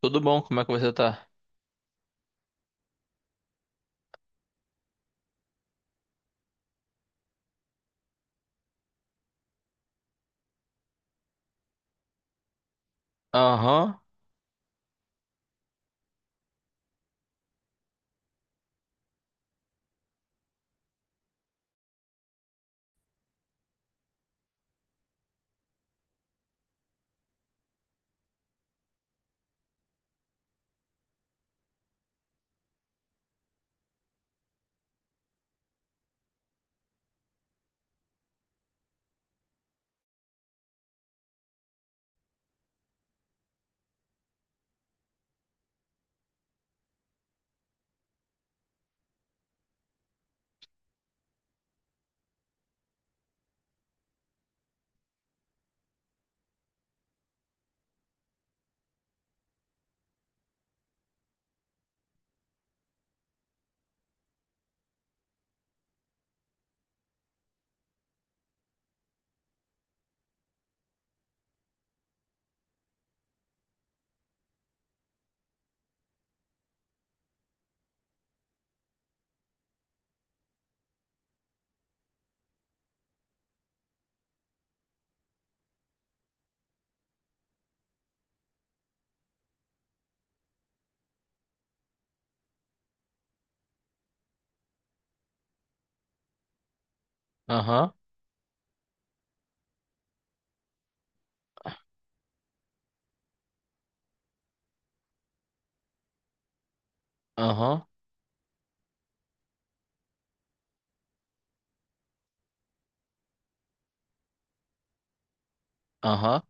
Tudo bom? Como é que você tá? Aham, aham, aham, aham.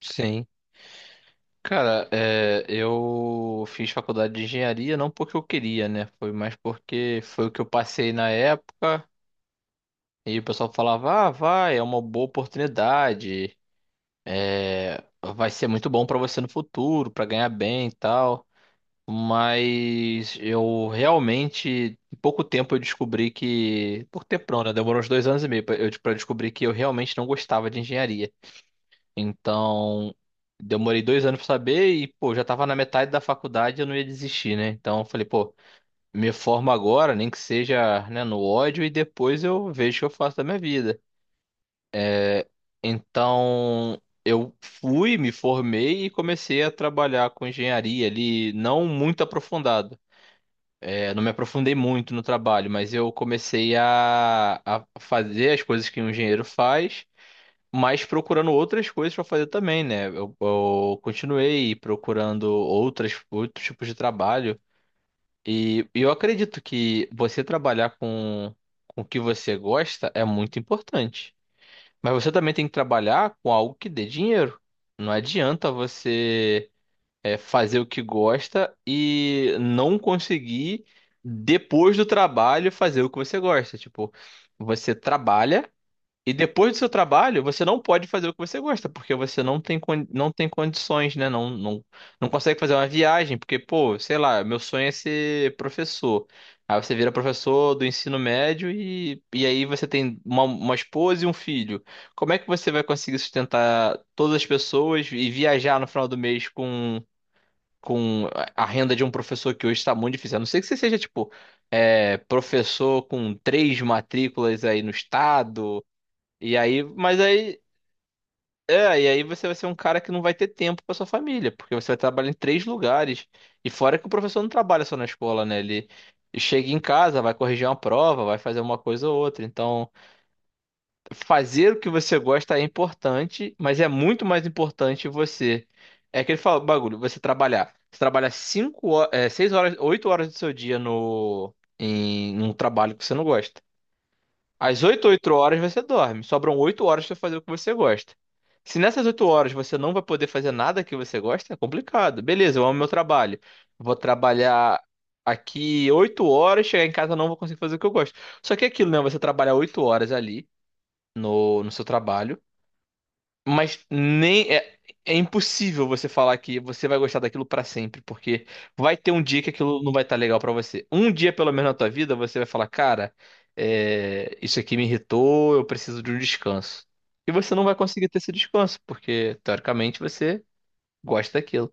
Sim. Cara, eu fiz faculdade de engenharia não porque eu queria, né? Foi mais porque foi o que eu passei na época e o pessoal falava: ah, vai, é uma boa oportunidade, é, vai ser muito bom pra você no futuro, pra ganhar bem e tal. Mas eu realmente, em pouco tempo eu descobri que. Pouco tempo não, né? Demorou uns dois anos e meio pra eu descobrir que eu realmente não gostava de engenharia. Então, demorei dois anos pra saber e, pô, já tava na metade da faculdade, eu não ia desistir, né? Então, eu falei, pô, me formo agora, nem que seja, né, no ódio e depois eu vejo o que eu faço da minha vida. Então, eu fui, me formei e comecei a trabalhar com engenharia ali, não muito aprofundado. Não me aprofundei muito no trabalho, mas eu comecei a fazer as coisas que um engenheiro faz, mas procurando outras coisas para fazer também, né? Eu continuei procurando outros tipos de trabalho. E eu acredito que você trabalhar com o que você gosta é muito importante. Mas você também tem que trabalhar com algo que dê dinheiro. Não adianta você fazer o que gosta e não conseguir, depois do trabalho, fazer o que você gosta. Tipo, você trabalha. E depois do seu trabalho, você não pode fazer o que você gosta, porque você não tem, não tem condições, né? Não, não, não consegue fazer uma viagem, porque, pô, sei lá, meu sonho é ser professor. Aí você vira professor do ensino médio e aí você tem uma esposa e um filho. Como é que você vai conseguir sustentar todas as pessoas e viajar no final do mês com a renda de um professor que hoje está muito difícil? A não ser que você seja, tipo, professor com três matrículas aí no estado. E aí, você vai ser um cara que não vai ter tempo para sua família, porque você vai trabalhar em três lugares. E fora que o professor não trabalha só na escola, né? Ele chega em casa, vai corrigir uma prova, vai fazer uma coisa ou outra. Então, fazer o que você gosta é importante, mas é muito mais importante você. É aquele bagulho, você trabalhar. Você trabalha seis horas, oito horas do seu dia no, em um trabalho que você não gosta. Às oito horas você dorme. Sobram 8 horas pra fazer o que você gosta. Se nessas 8 horas você não vai poder fazer nada que você gosta, é complicado. Beleza, eu amo meu trabalho. Vou trabalhar aqui 8 horas, chegar em casa eu não vou conseguir fazer o que eu gosto. Só que é aquilo, né? Você trabalha 8 horas ali no seu trabalho. Mas nem é, É impossível você falar que você vai gostar daquilo pra sempre, porque vai ter um dia que aquilo não vai estar legal pra você. Um dia, pelo menos na tua vida, você vai falar, cara, isso aqui me irritou, eu preciso de um descanso. E você não vai conseguir ter esse descanso, porque teoricamente você gosta daquilo.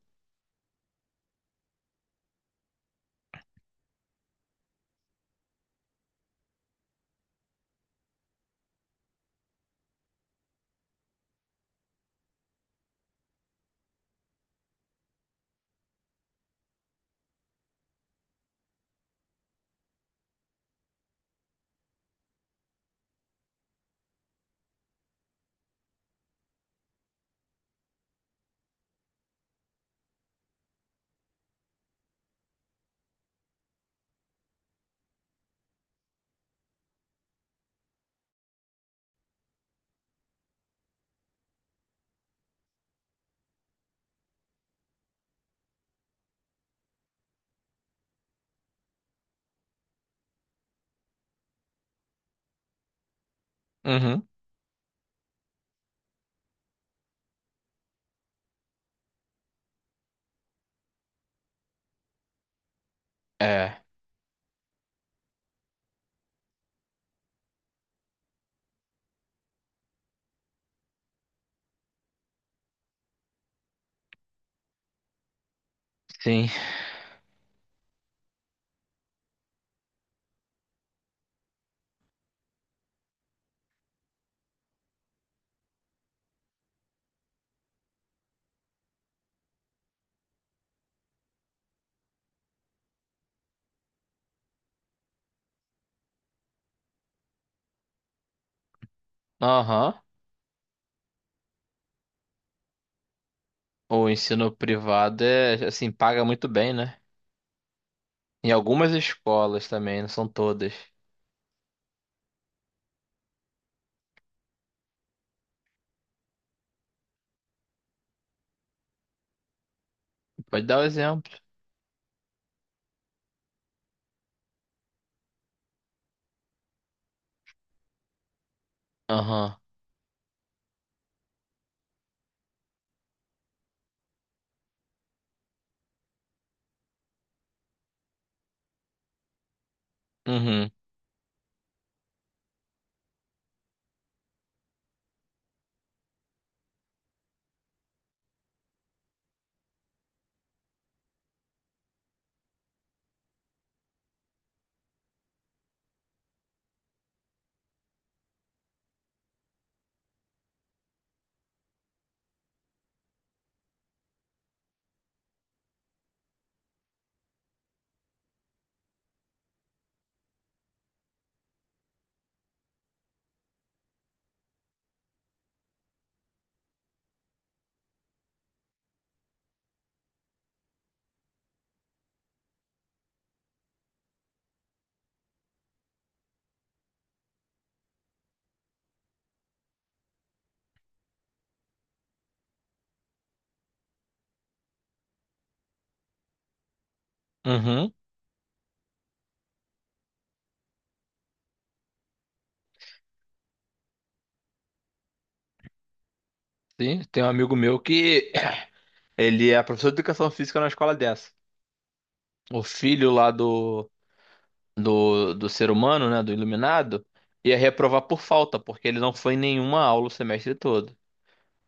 Uhum. É, sim. Aham. O ensino privado é assim, paga muito bem, né? Em algumas escolas também, não são todas. Pode dar o exemplo. Aham. Uhum. Uhum. Sim, tem um amigo meu que ele é professor de educação física na escola dessa. O filho lá do ser humano, né, do iluminado, ia reprovar por falta, porque ele não foi em nenhuma aula o semestre todo.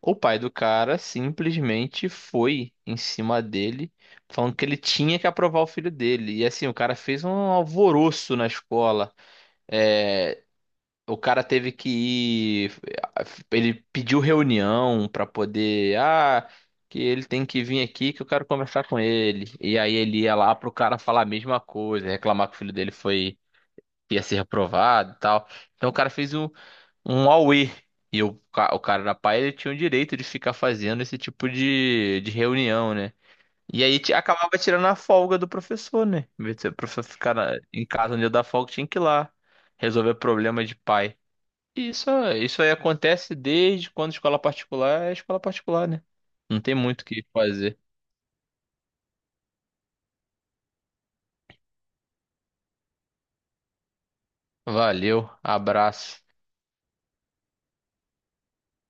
O pai do cara simplesmente foi em cima dele, falando que ele tinha que aprovar o filho dele. E assim, o cara fez um alvoroço na escola. É, O cara teve que ir. Ele pediu reunião pra poder. Ah, que ele tem que vir aqui que eu quero conversar com ele. E aí ele ia lá pro cara falar a mesma coisa, reclamar que o filho dele foi. Ia ser reprovado e tal. Então o cara fez um auê. E o cara da pai, ele tinha o direito de ficar fazendo esse tipo de reunião, né? E aí acabava tirando a folga do professor, né? Em vez de o professor ficar em casa no dia da folga, tinha que ir lá resolver problema de pai. Isso aí acontece desde quando escola particular é escola particular, né? Não tem muito o que fazer. Valeu, abraço.